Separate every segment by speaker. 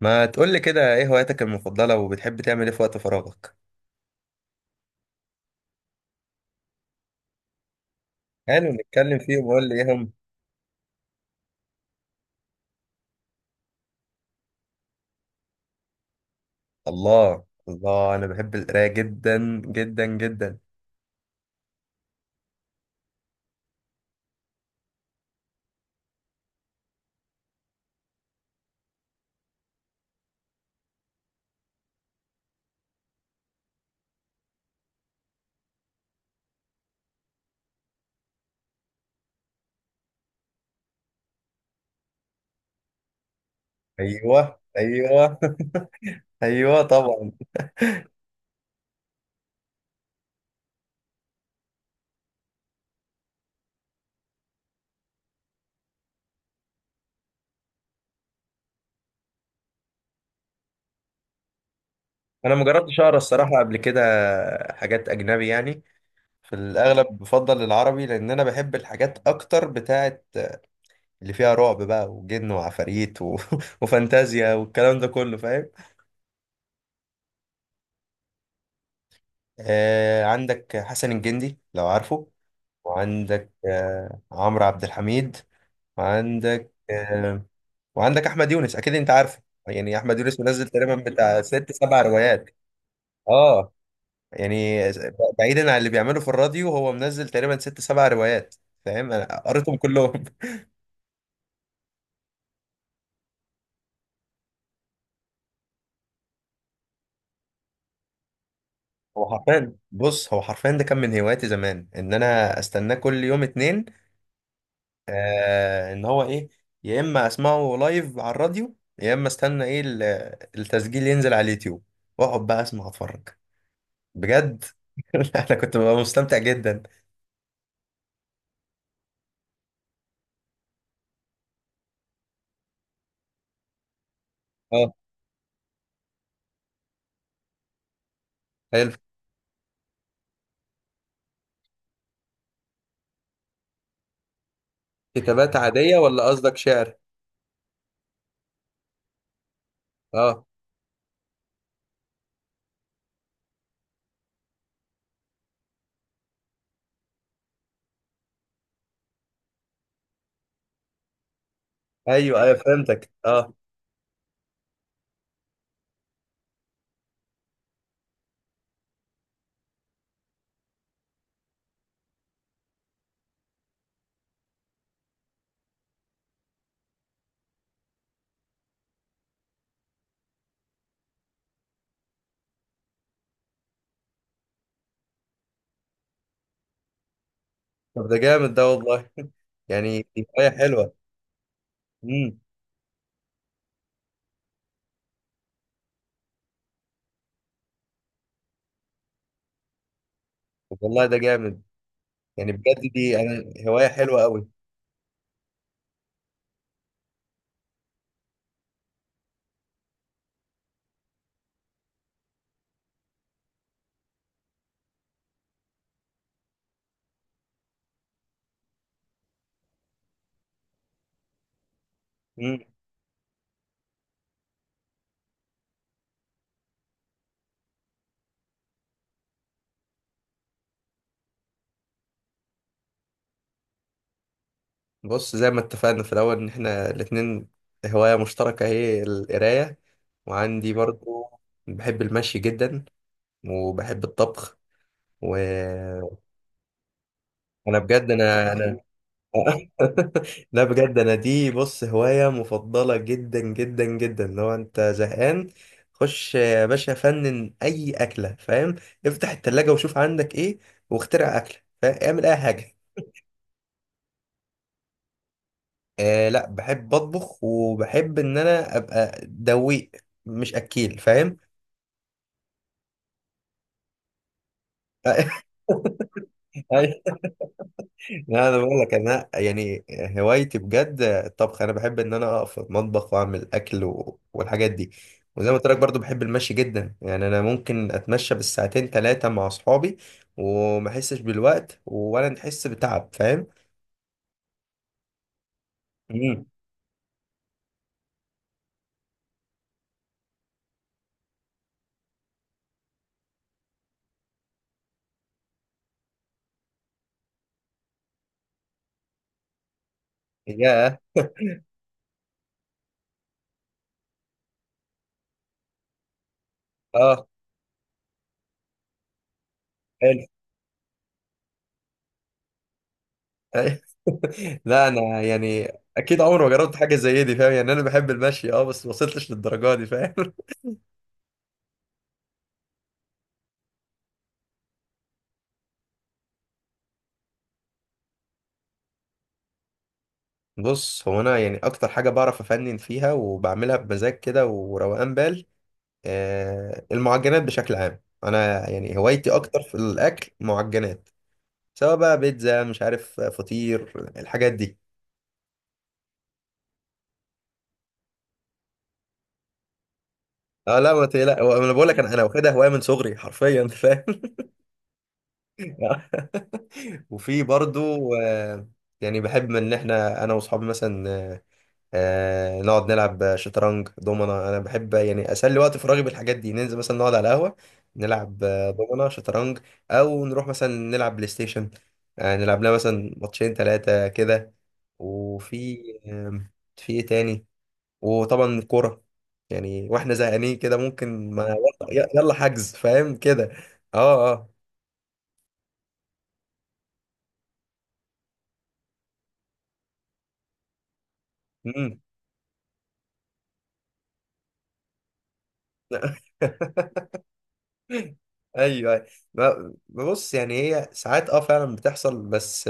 Speaker 1: ما تقول لي كده ايه هواياتك المفضلة وبتحب تعمل ايه في وقت فراغك؟ حلو، نتكلم فيهم وقول لي ايه هم. الله الله، انا بحب القراية جدا جدا جدا. ايوه ايوه. ايوه طبعا. انا ما جربتش اقرا الصراحة قبل كده حاجات اجنبي يعني. في الاغلب بفضل العربي لان انا بحب الحاجات اكتر بتاعت اللي فيها رعب بقى وجن وعفاريت وفانتازيا والكلام ده كله فاهم. عندك حسن الجندي لو عارفه. وعندك عمرو عبد الحميد. وعندك وعندك احمد يونس اكيد انت عارفه. يعني احمد يونس منزل تقريبا بتاع ست سبع روايات. اه، يعني بعيدا عن اللي بيعمله في الراديو هو منزل تقريبا ست سبع روايات، فاهم، انا قريتهم كلهم. هو حرفيا، بص، هو حرفيا ده كان من هواياتي زمان ان انا استناه كل يوم اتنين. ان هو ايه، يا اما اسمعه لايف على الراديو، يا اما استنى ايه التسجيل ينزل على اليوتيوب واقعد بقى اسمع اتفرج، بجد. انا كنت ببقى مستمتع جدا. اه، حلو. كتابات عادية ولا قصدك شعر؟ اه، ايوه ايوه فهمتك، اه. طب ده جامد، ده والله. يعني دي هواية حلوة. امم. طب والله ده جامد، يعني بجد دي انا هواية حلوة قوي. امم. بص، زي ما اتفقنا في الاول ان احنا الاتنين هواية مشتركة هي القراية. وعندي برضو بحب المشي جدا، وبحب الطبخ. وانا بجد انا لا، بجد، انا دي بص هواية مفضلة جدا جدا جدا. لو انت زهقان خش يا باشا فنن اي اكلة، فاهم. افتح التلاجة وشوف عندك ايه واخترع اكلة، فاهم، اعمل اي حاجة. لا، بحب اطبخ وبحب ان انا ابقى دويق مش اكيل، فاهم. لا انا بقول لك، انا يعني هوايتي بجد الطبخ. انا بحب ان انا اقف في المطبخ واعمل اكل والحاجات دي. وزي ما قلت لك برضو بحب المشي جدا، يعني انا ممكن اتمشى بالساعتين ثلاثه مع اصحابي وما احسش بالوقت ولا نحس بتعب، فاهم. امم. يا اه، حلو. لا انا يعني اكيد عمري ما جربت حاجه زي دي، فاهم يعني. انا بحب المشي، اه، بس ما وصلتش للدرجه دي، فاهم. بص، هو انا يعني اكتر حاجه بعرف افنن فيها وبعملها بمزاج كده وروقان بال، المعجنات بشكل عام. انا يعني هوايتي اكتر في الاكل معجنات. سواء بقى بيتزا، مش عارف، فطير، الحاجات دي. اه لا ما تقلق، هو انا بقول لك انا واخدها هوايه من صغري حرفيا، انت فاهم. وفي برضو، يعني بحب ان احنا انا واصحابي مثلا نقعد نلعب شطرنج دومنا. انا بحب يعني اسلي وقت فراغي بالحاجات دي. ننزل مثلا نقعد على قهوه نلعب دومنا شطرنج. او نروح مثلا نلعب بلاي ستيشن، نلعب لنا مثلا ماتشين ثلاثه كده. وفي آم، في ايه تاني؟ وطبعا الكوره، يعني واحنا زهقانين كده ممكن ما يلا يلا حجز، فاهم كده. اه اه. مم. ايوه، أيوة. بص، يعني هي ساعات فعلا بتحصل، بس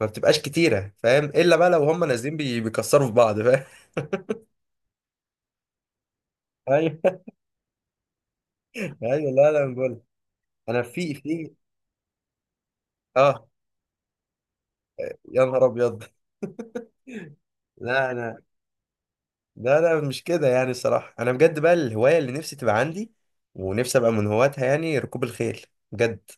Speaker 1: ما بتبقاش كتيره، فاهم، الا بقى لو هم نازلين بيكسروا في بعض، فاهم. ايوه ايوه، لا لا، أنا بقول انا في اه، يا نهار ابيض. لا انا، لا لا مش كده يعني. الصراحه انا بجد بقى الهوايه اللي نفسي تبقى عندي ونفسي ابقى من هواتها يعني ركوب الخيل. بجد،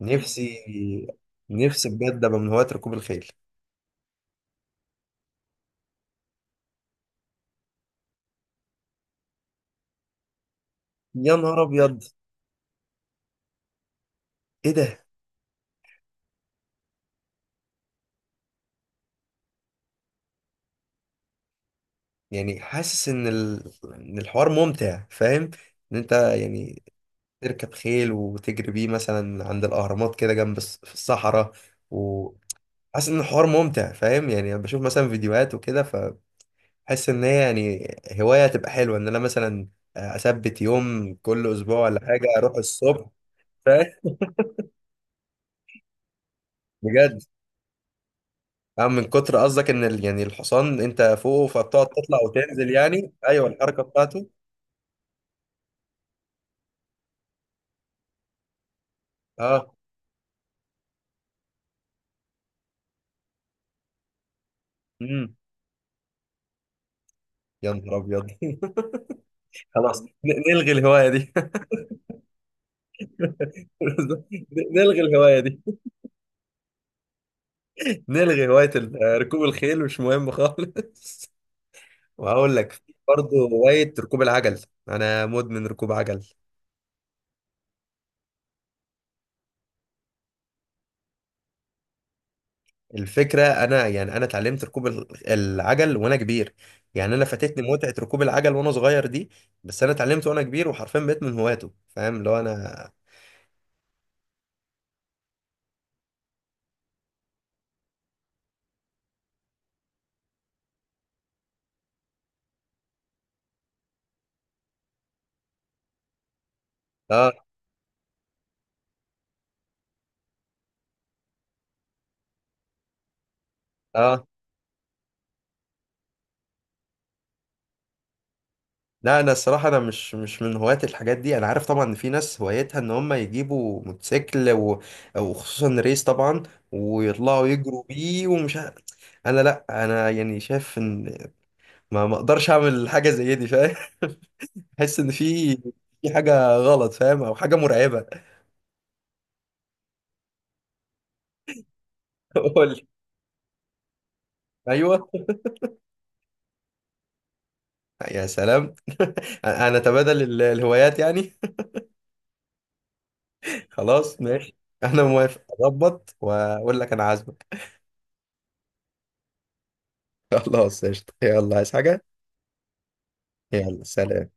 Speaker 1: نفسي، نفسي بجد ابقى من هواة ركوب الخيل. يا نهار ابيض، ايه ده؟ يعني حاسس ان ان الحوار ممتع، فاهم. ان انت يعني تركب خيل وتجري بيه مثلا عند الأهرامات كده جنب في الصحراء. وحاسس إن الحوار ممتع، فاهم. يعني أنا بشوف مثلا فيديوهات وكده فبحس إن هي يعني هواية تبقى حلوة، إن أنا مثلا أثبت يوم كل أسبوع ولا حاجة أروح الصبح، فاهم، بجد. أه، من كتر، قصدك إن يعني الحصان أنت فوقه فبتقعد تطلع وتنزل، يعني أيوه الحركة بتاعته. أه. امم. يا نهار أبيض. خلاص، نلغي الهواية دي. نلغي الهواية دي، نلغي هواية ركوب الخيل، مش مهم خالص. وهقول لك في برضه هواية ركوب العجل. أنا مدمن ركوب عجل. الفكرة أنا يعني أنا اتعلمت ركوب العجل وأنا كبير. يعني أنا فاتتني متعة ركوب العجل وأنا صغير دي. بس أنا اتعلمت وأنا كبير وحرفيا بقيت من هواته، فاهم، اللي هو أنا. آه، آه. لا انا الصراحه انا مش من هواة الحاجات دي. انا عارف طبعا ان في ناس هوايتها ان هم يجيبوا موتوسيكل وخصوصا ريس طبعا، ويطلعوا يجروا بيه ومش انا، لا، انا يعني شايف ان ما اقدرش اعمل حاجه زي دي، فاهم. احس ان في حاجه غلط، فاهم، او حاجه مرعبه. قول لي. ايوه. يا سلام. انا تبادل الهوايات يعني. خلاص ماشي، انا موافق، اضبط واقول لك انا عازمك. خلاص قشطه، يلا عايز حاجه؟ يلا سلام.